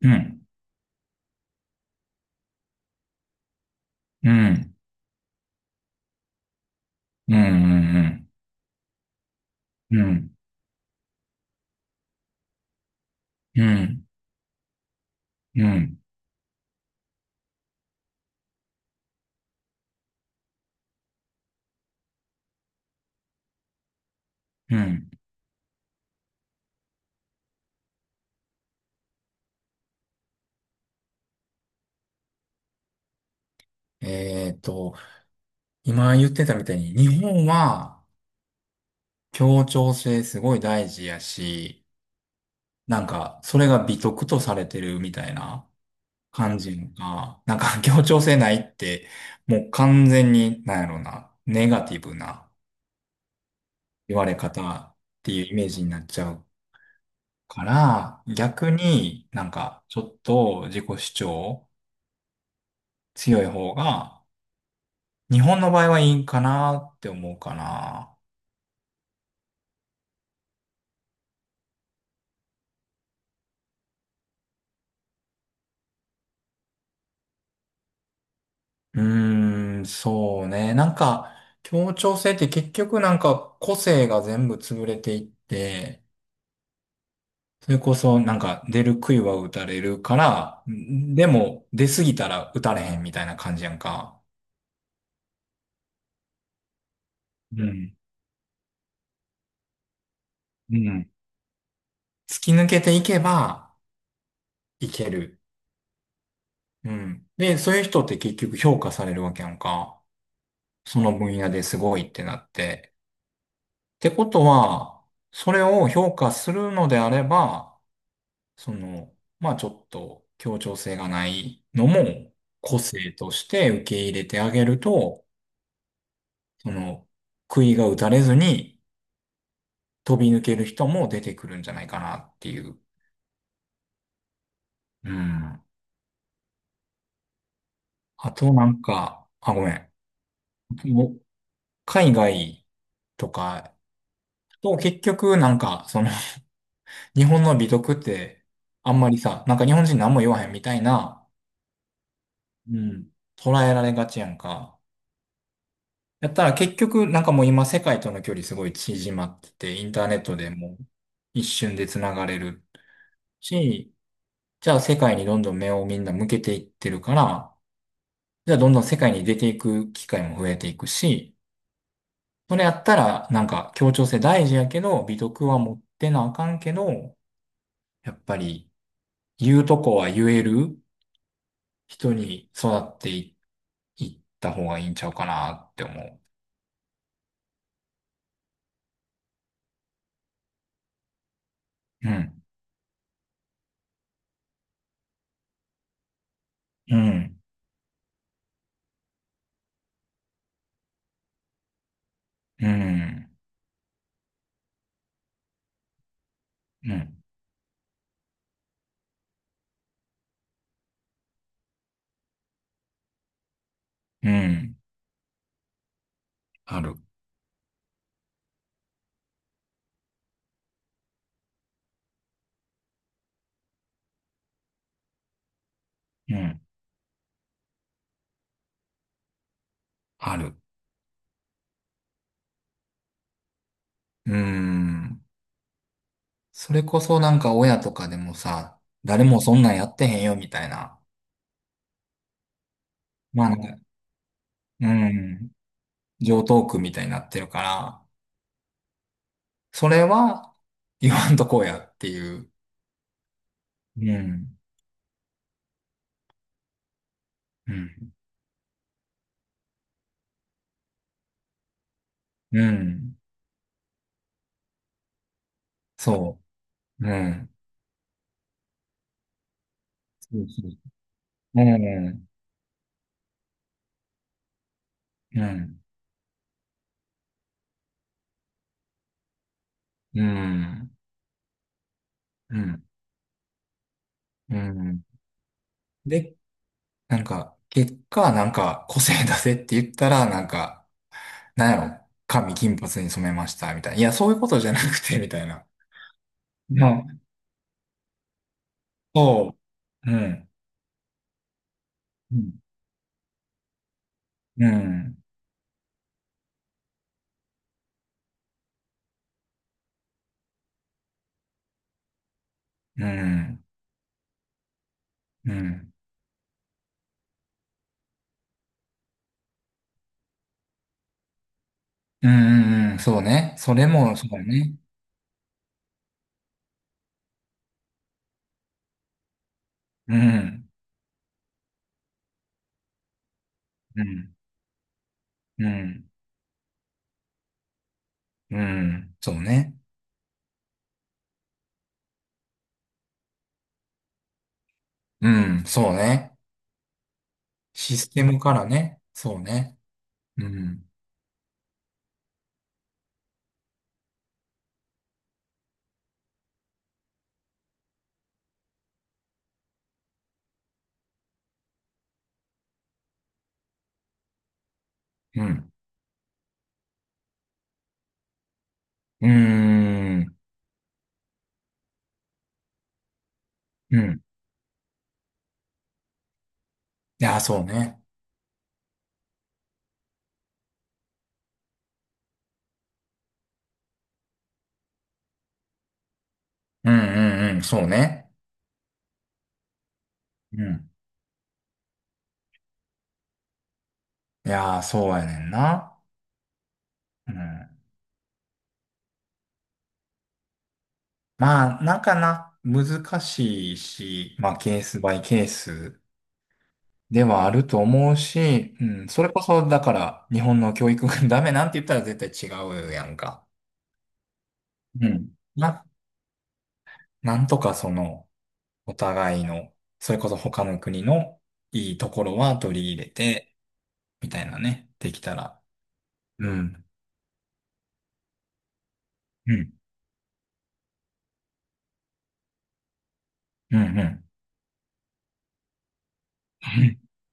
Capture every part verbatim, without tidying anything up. うん、うん、うん、うん、うん、うん、うん、うん。えっと、今言ってたみたいに、日本は協調性すごい大事やし、なんか、それが美徳とされてるみたいな感じが、なんか協調性ないって、もう完全に、なんやろうな、ネガティブな言われ方っていうイメージになっちゃうから、逆になんか、ちょっと自己主張強い方が、日本の場合はいいんかなって思うかな。うーん、そうね。なんか、協調性って結局なんか個性が全部潰れていって、それこそなんか出る杭は打たれるから、んでも出すぎたら打たれへんみたいな感じやんか。うん。うん。突き抜けていけばいける。うん。で、そういう人って結局評価されるわけやんか。その分野ですごいってなって。ってことは、それを評価するのであれば、その、まあちょっと協調性がないのも個性として受け入れてあげると、その、杭が打たれずに飛び抜ける人も出てくるんじゃないかなっていう。うん。あとなんか、あ、ごめん。もう海外とか、と結局なんか、その、日本の美徳って、あんまりさ、なんか日本人何も言わへんみたいな、うん。捉えられがちやんか。やったら結局、なんかもう今世界との距離すごい縮まってて、インターネットでもう一瞬で繋がれるし、じゃあ世界にどんどん目をみんな向けていってるから、じゃあどんどん世界に出ていく機会も増えていくし、それやったらなんか協調性大事やけど、美徳は持ってなあかんけど、やっぱり言うとこは言える人に育っていいった方がいいんちゃうかなって思う。うん。うん。うん、うん、うん、ある。うん、ある。うん。それこそなんか親とかでもさ、誰もそんなんやってへんよみたいな、まあなんねかうん、常套句みたいになってるから、それは言わんとこうやっていう。うん、うん、うん、そう。うん。そうそう、うん、うん、うん。うん、うん。でなんか、結果、なんか、個性出せって言ったら、なんか、なんやろ、髪金髪に染めました、みたいな。いや、そういうことじゃなくて、みたいな。うん。そう。うん。うん。うん。うん。うん。うん。うんそうね。それも、そうね。うん。うん。うん。うん。そうね。うん。そうね。システムからね。そうね。うん。うん。うーん。うん。いや、そうね。うん。うん。うん。そうね。うん。いやー、そうやねんな。うん。まあ、なんかな、難しいし、まあ、ケースバイケースではあると思うし、うん、それこそ、だから、日本の教育が ダメなんて言ったら絶対違うやんか。うん。な、なんとかその、お互いの、それこそ他の国のいいところは取り入れて、みたいなね、できたら。うん。うん。うんうん。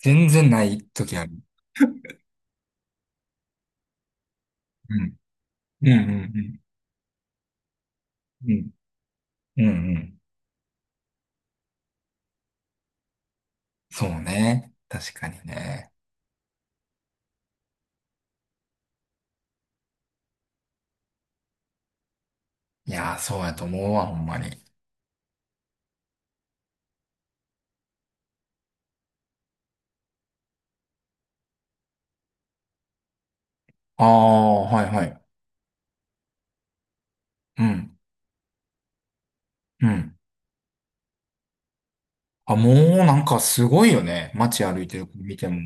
全然ない時ある。うん。うんうんうんうん。うんうん。そうね。確かにね。いやー、そうやと思うわ、ほんまに。ああ、はいはい。うん。うん。あ、もうなんかすごいよね。街歩いてる子見ても。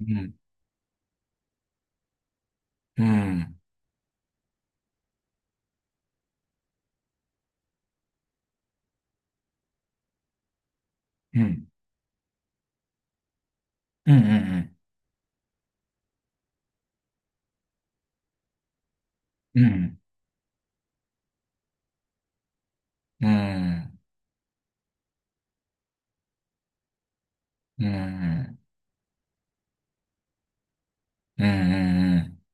うん。うん。うん。うんうんうん。うん。うん。うん。うんうんうん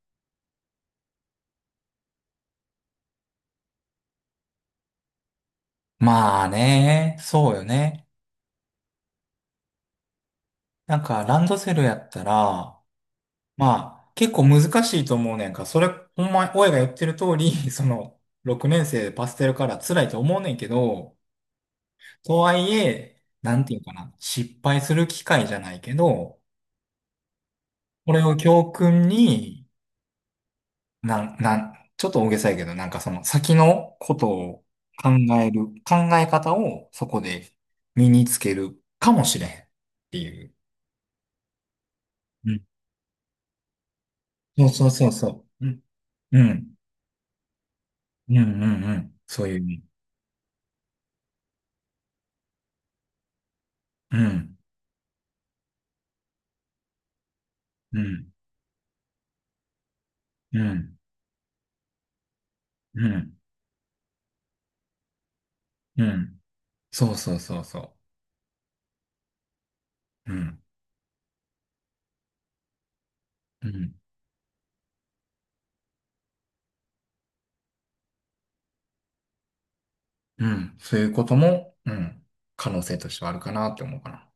まあね。そうよね。なんかランドセルやったら、まあ、結構難しいと思うねんか。それ、ほんま、親が言ってる通り、その、ろくねん生でパステルカラー辛いと思うねんけど、とはいえ、なんていうかな、失敗する機会じゃないけど、これを教訓に、なん、なん、ちょっと大げさやけど、なんかその先のことを考える、考え方をそこで身につけるかもしれんっていう。うんそうそうそうそう。うん。うん。うんうんうん。そういう意味。うん。うん。うん、うん、うん。そうそうそうそう。うん、うん、うん。そういうことも、うん、可能性としてはあるかなって思うかな。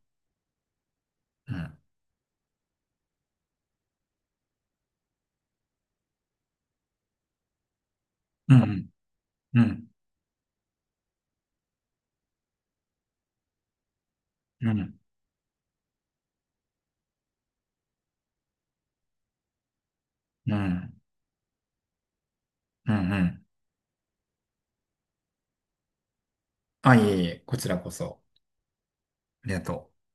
うん、うん、うん、うん、うん、うん、うん。うんあ、いえいえ、こちらこそ。ありがとう。